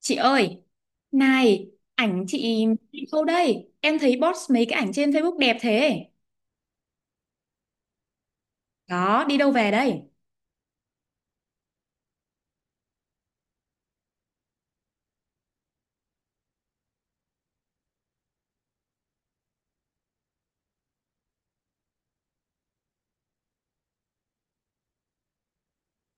Chị ơi, này, ảnh chị đâu đây? Em thấy post mấy cái ảnh trên Facebook đẹp thế. Đó, đi đâu về đây?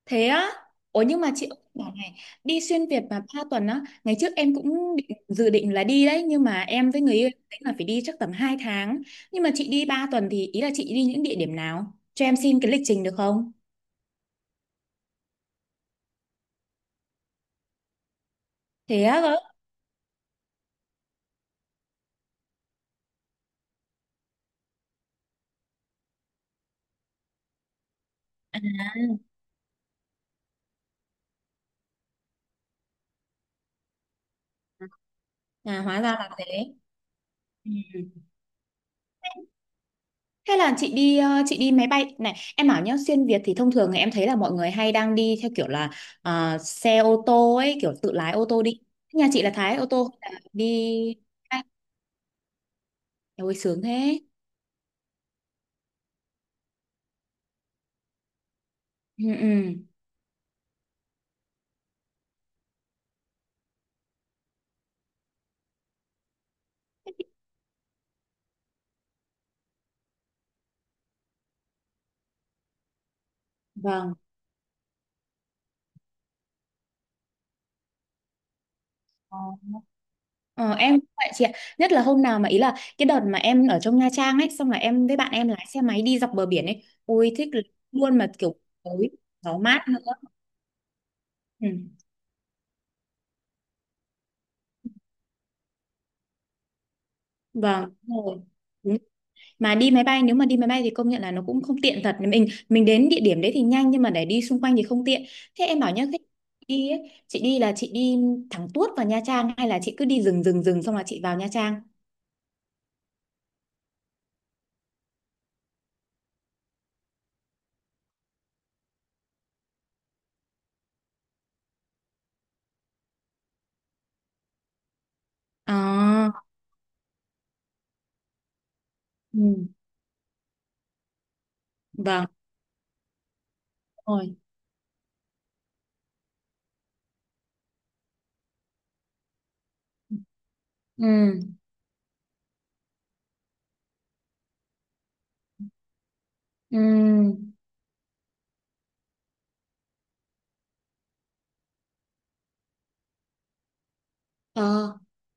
Thế á? Ủa nhưng mà chị ơi, bảo này, đi xuyên Việt mà 3 tuần á, ngày trước em cũng dự định là đi đấy, nhưng mà em với người yêu em tính là phải đi chắc tầm 2 tháng. Nhưng mà chị đi 3 tuần thì ý là chị đi những địa điểm nào? Cho em xin cái lịch trình được không? Thế á cơ? À, à, hóa ra là thế. Ừ. Hay là chị đi máy bay, này em bảo nhá, xuyên Việt thì thông thường thì em thấy là mọi người hay đang đi theo kiểu là xe ô tô ấy, kiểu tự lái ô tô đi. Nhà chị là Thái ô tô hay là đi? Ai? Ôi sướng thế. Ừ, ừ. Vâng. Ờ, ờ, em cũng vậy chị ạ, nhất là hôm nào mà, ý là cái đợt mà em ở trong Nha Trang ấy, xong là em với bạn em lái xe máy đi dọc bờ biển ấy, ôi thích luôn. Mà kiểu tối, gió mát nữa. Ừ. Vâng, đúng rồi. Đúng, mà đi máy bay, nếu mà đi máy bay thì công nhận là nó cũng không tiện thật. Mình đến địa điểm đấy thì nhanh nhưng mà để đi xung quanh thì không tiện. Thế em bảo nhá, khi đi ấy, chị đi là chị đi thẳng tuốt vào Nha Trang hay là chị cứ đi rừng rừng rừng xong là chị vào Nha Trang? À. Ừ. Vâng, đúng rồi. Ừ. Ừ. Ờ.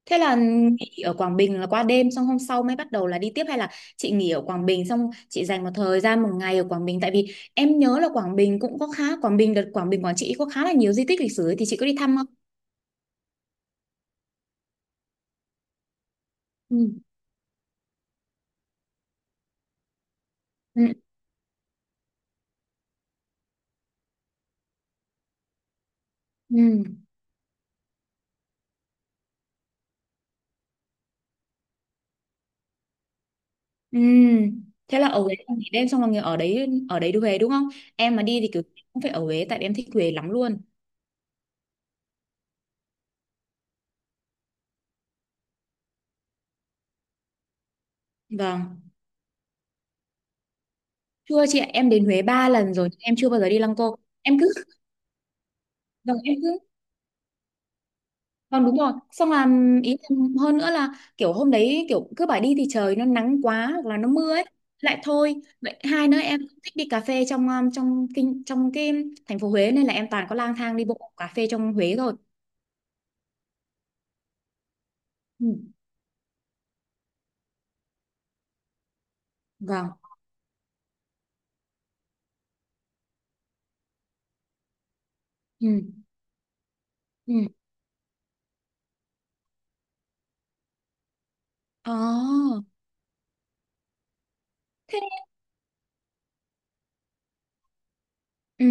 Thế là nghỉ ở Quảng Bình là qua đêm, xong hôm sau mới bắt đầu là đi tiếp, hay là chị nghỉ ở Quảng Bình xong chị dành một thời gian, một ngày ở Quảng Bình, tại vì em nhớ là Quảng Bình cũng có khá, Quảng Bình đợt Quảng Bình Quảng Trị có khá là nhiều di tích lịch sử ấy, thì chị có đi thăm không? Ừ. Ừ. Ừ. Ừ. Thế là ở Huế em nghỉ đêm xong là nghỉ ở đấy, ở đấy đi Huế đúng không? Em mà đi thì kiểu cũng phải ở Huế, tại vì em thích Huế lắm luôn. Vâng. Chưa chị ạ, em đến Huế 3 lần rồi, em chưa bao giờ đi Lăng Cô. Em cứ, vâng, em cứ, vâng, đúng rồi. Xong là, ý em hơn nữa là, kiểu hôm đấy kiểu cứ bảo đi thì trời nó nắng quá hoặc là nó mưa ấy, lại thôi. Vậy hai nữa em thích đi cà phê trong trong kinh, trong cái thành phố Huế, nên là em toàn có lang thang đi bộ cà phê trong Huế rồi. Ừ. Vâng. Ừ. Ừ. Ồ. Thế. Ừ.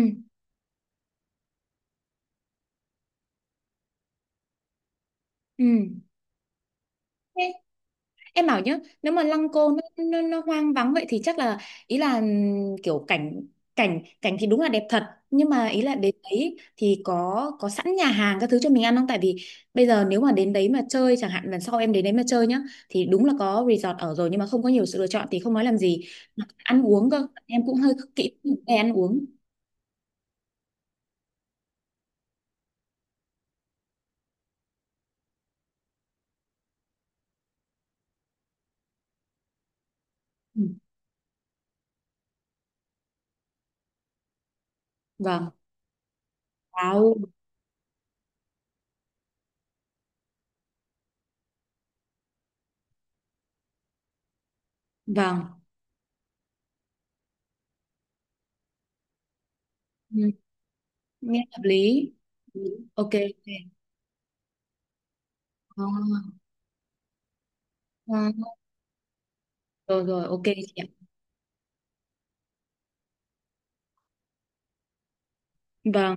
Ừ. Thế em bảo nhá, nếu mà Lăng Cô nó hoang vắng vậy thì chắc là, ý là kiểu cảnh, cảnh thì đúng là đẹp thật, nhưng mà ý là đến đấy thì có sẵn nhà hàng các thứ cho mình ăn không? Tại vì bây giờ nếu mà đến đấy mà chơi, chẳng hạn lần sau em đến đấy mà chơi nhá, thì đúng là có resort ở rồi nhưng mà không có nhiều sự lựa chọn thì không nói làm gì. Ăn uống cơ em cũng hơi kỹ về ăn uống. Ừ. Vâng. Wow. Vâng. Ừ. Nghe hợp lý. Ừ. Ok, ok. Ờ, ờ, ờ, rồi, rồi, ok chị. Vâng,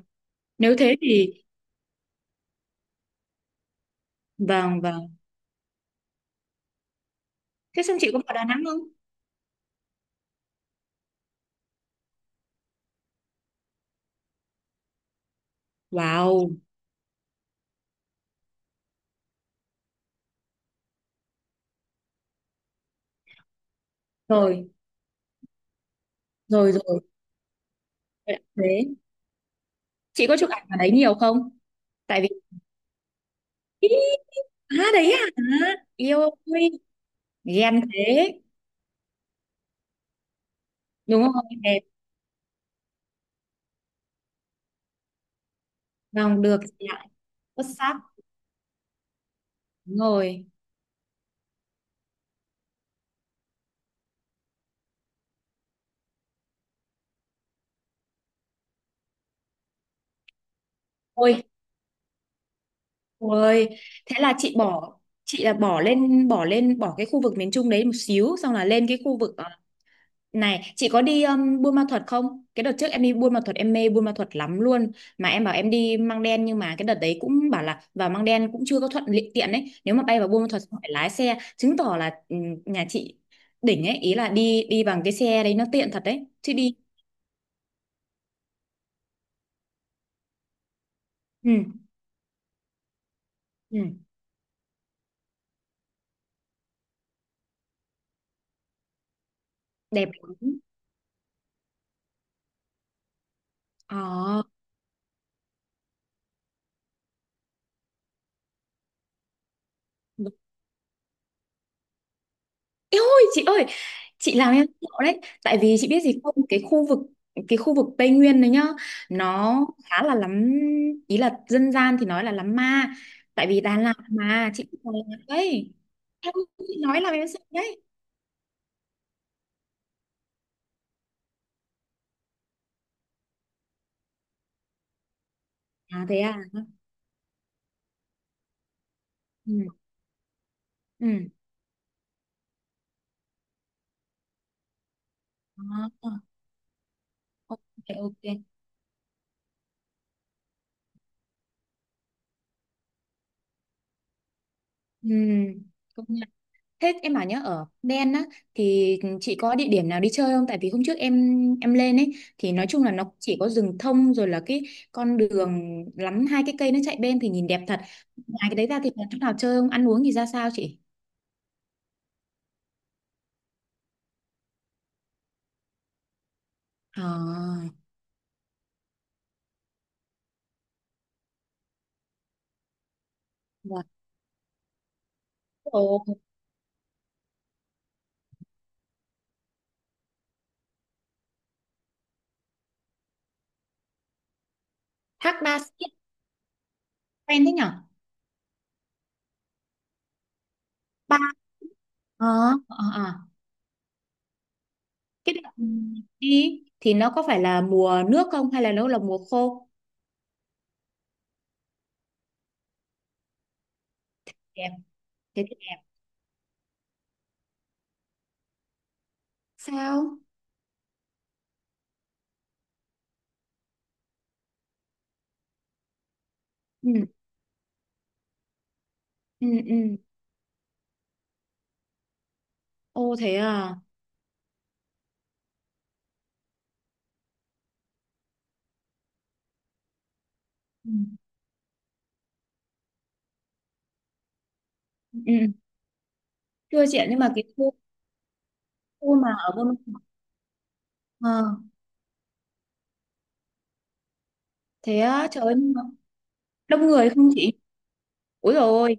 nếu thế thì vâng, vâng. Thế xong chị có vào Đà Nẵng không? Wow, rồi, rồi, rồi. Vậy là Thế chị có chụp ảnh ở đấy nhiều không? Tại vì, ý, à đấy à, yêu ơi, ghen thế. Đúng rồi, đẹp. Vâng, được chị ạ. Xuất sắc. Đúng rồi. Ôi, ôi. Thế là chị bỏ chị là bỏ lên, bỏ lên, bỏ cái khu vực miền Trung đấy một xíu, xong là lên cái khu vực ờ. Này, chị có đi Buôn Ma Thuột không? Cái đợt trước em đi Buôn Ma Thuột em mê Buôn Ma Thuột lắm luôn. Mà em bảo em đi Măng Đen nhưng mà cái đợt đấy cũng bảo là vào Măng Đen cũng chưa có thuận li- tiện ấy. Nếu mà bay vào Buôn Ma Thuột phải lái xe, chứng tỏ là nhà chị đỉnh ấy, ý là đi, đi bằng cái xe đấy nó tiện thật đấy. Chứ đi ừ, ừ, đẹp lắm. Ờ. Ê ôi chị ơi, chị làm em sợ đấy, tại vì chị biết gì không, cái khu vực Tây Nguyên đấy nhá, nó khá là lắm, ý là dân gian thì nói là lắm ma, tại vì Đà Lạt mà chị cũng Đà Lạt đấy, em chị nói là em sợ đấy. À, thế à. Ừ, ừ. À, ok, ok. Ừ. Công nhận. Thế em bảo nhá, ở Đen á thì chị có địa điểm nào đi chơi không? Tại vì hôm trước em lên ấy thì nói chung là nó chỉ có rừng thông, rồi là cái con đường lắm hai cái cây nó chạy bên thì nhìn đẹp thật. Ngoài cái đấy ra thì còn chỗ nào chơi không? Ăn uống thì ra sao chị? À, dạ. Ồ, thác Ba Sĩ quen thế nhở? Ba. ờ ờ ờ. Cái đợt đi thì nó có phải là mùa nước không hay là nó là mùa khô? Đẹp, thế thì đẹp. Sao? Ừ, ừ, ừ. Ô thế à. Ừ. Ừ. Ừ. Thưa chị ạ, nhưng mà khu mà ở Buôn Ma Thuột- ờ, thế á, trời ơi, nhưng mà đông người không chị? Úi dồi ôi,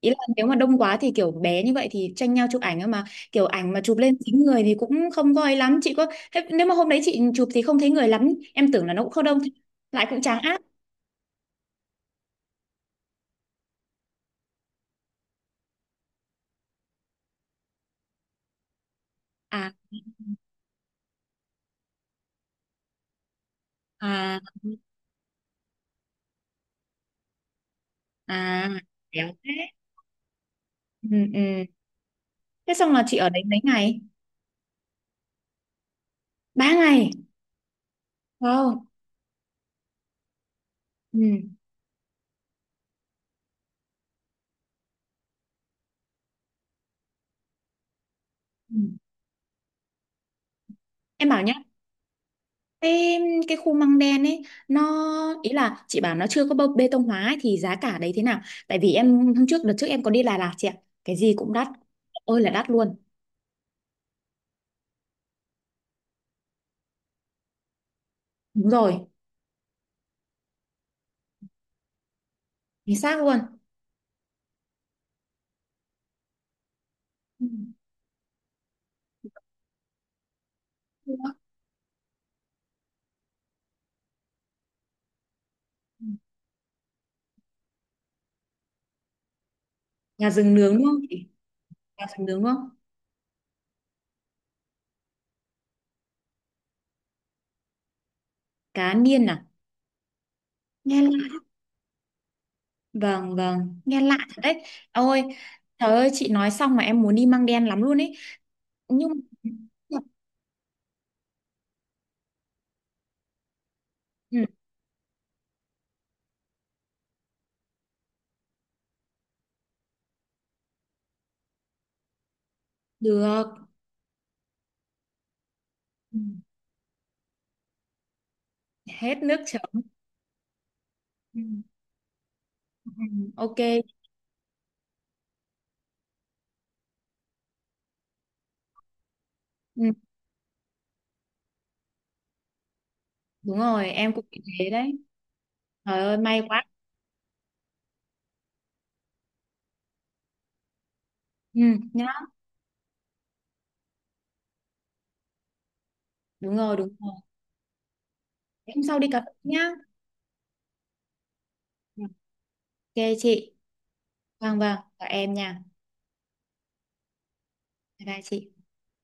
ý là nếu mà đông quá thì kiểu bé như vậy thì tranh nhau chụp ảnh ấy mà, kiểu ảnh mà chụp lên chính người thì cũng không voi lắm, chị có thế, nếu mà hôm đấy chị chụp thì không thấy người lắm, em tưởng là nó cũng không đông, lại cũng chán áp. À, à, à, kéo thế. Ừ, ừ. Thế xong là chị ở đấy mấy ngày? 3 ngày. Wow. Ừ. Ừ. Em bảo nhá, Cái, cái khu măng đen ấy nó, ý là chị bảo nó chưa có bê bê tông hóa ấy, thì giá cả đấy thế nào? Tại vì em hôm trước đợt trước em có đi Đà Lạt chị ạ. Cái gì cũng đắt. Ôi là đắt luôn. Đúng rồi, chính xác luôn. Ừ. Gà rừng nướng đúng không chị? Gà rừng nướng đúng không? Cá niên à? Nghe lạ. Vâng vâng, nghe lạ thật đấy. Ôi, trời ơi chị nói xong mà em muốn đi măng đen lắm luôn ấy. Nhưng ừ, được. Ừ. Hết nước chấm. Ừ. Ừ, ok. Ừ. Đúng rồi em cũng nghĩ thế đấy. Trời ơi may quá. Ừ, nhá. Đúng rồi, đúng rồi. Hôm sau đi cà phê nhá. Ừ, ok chị. Vâng vâng và em nha. Bye bye chị.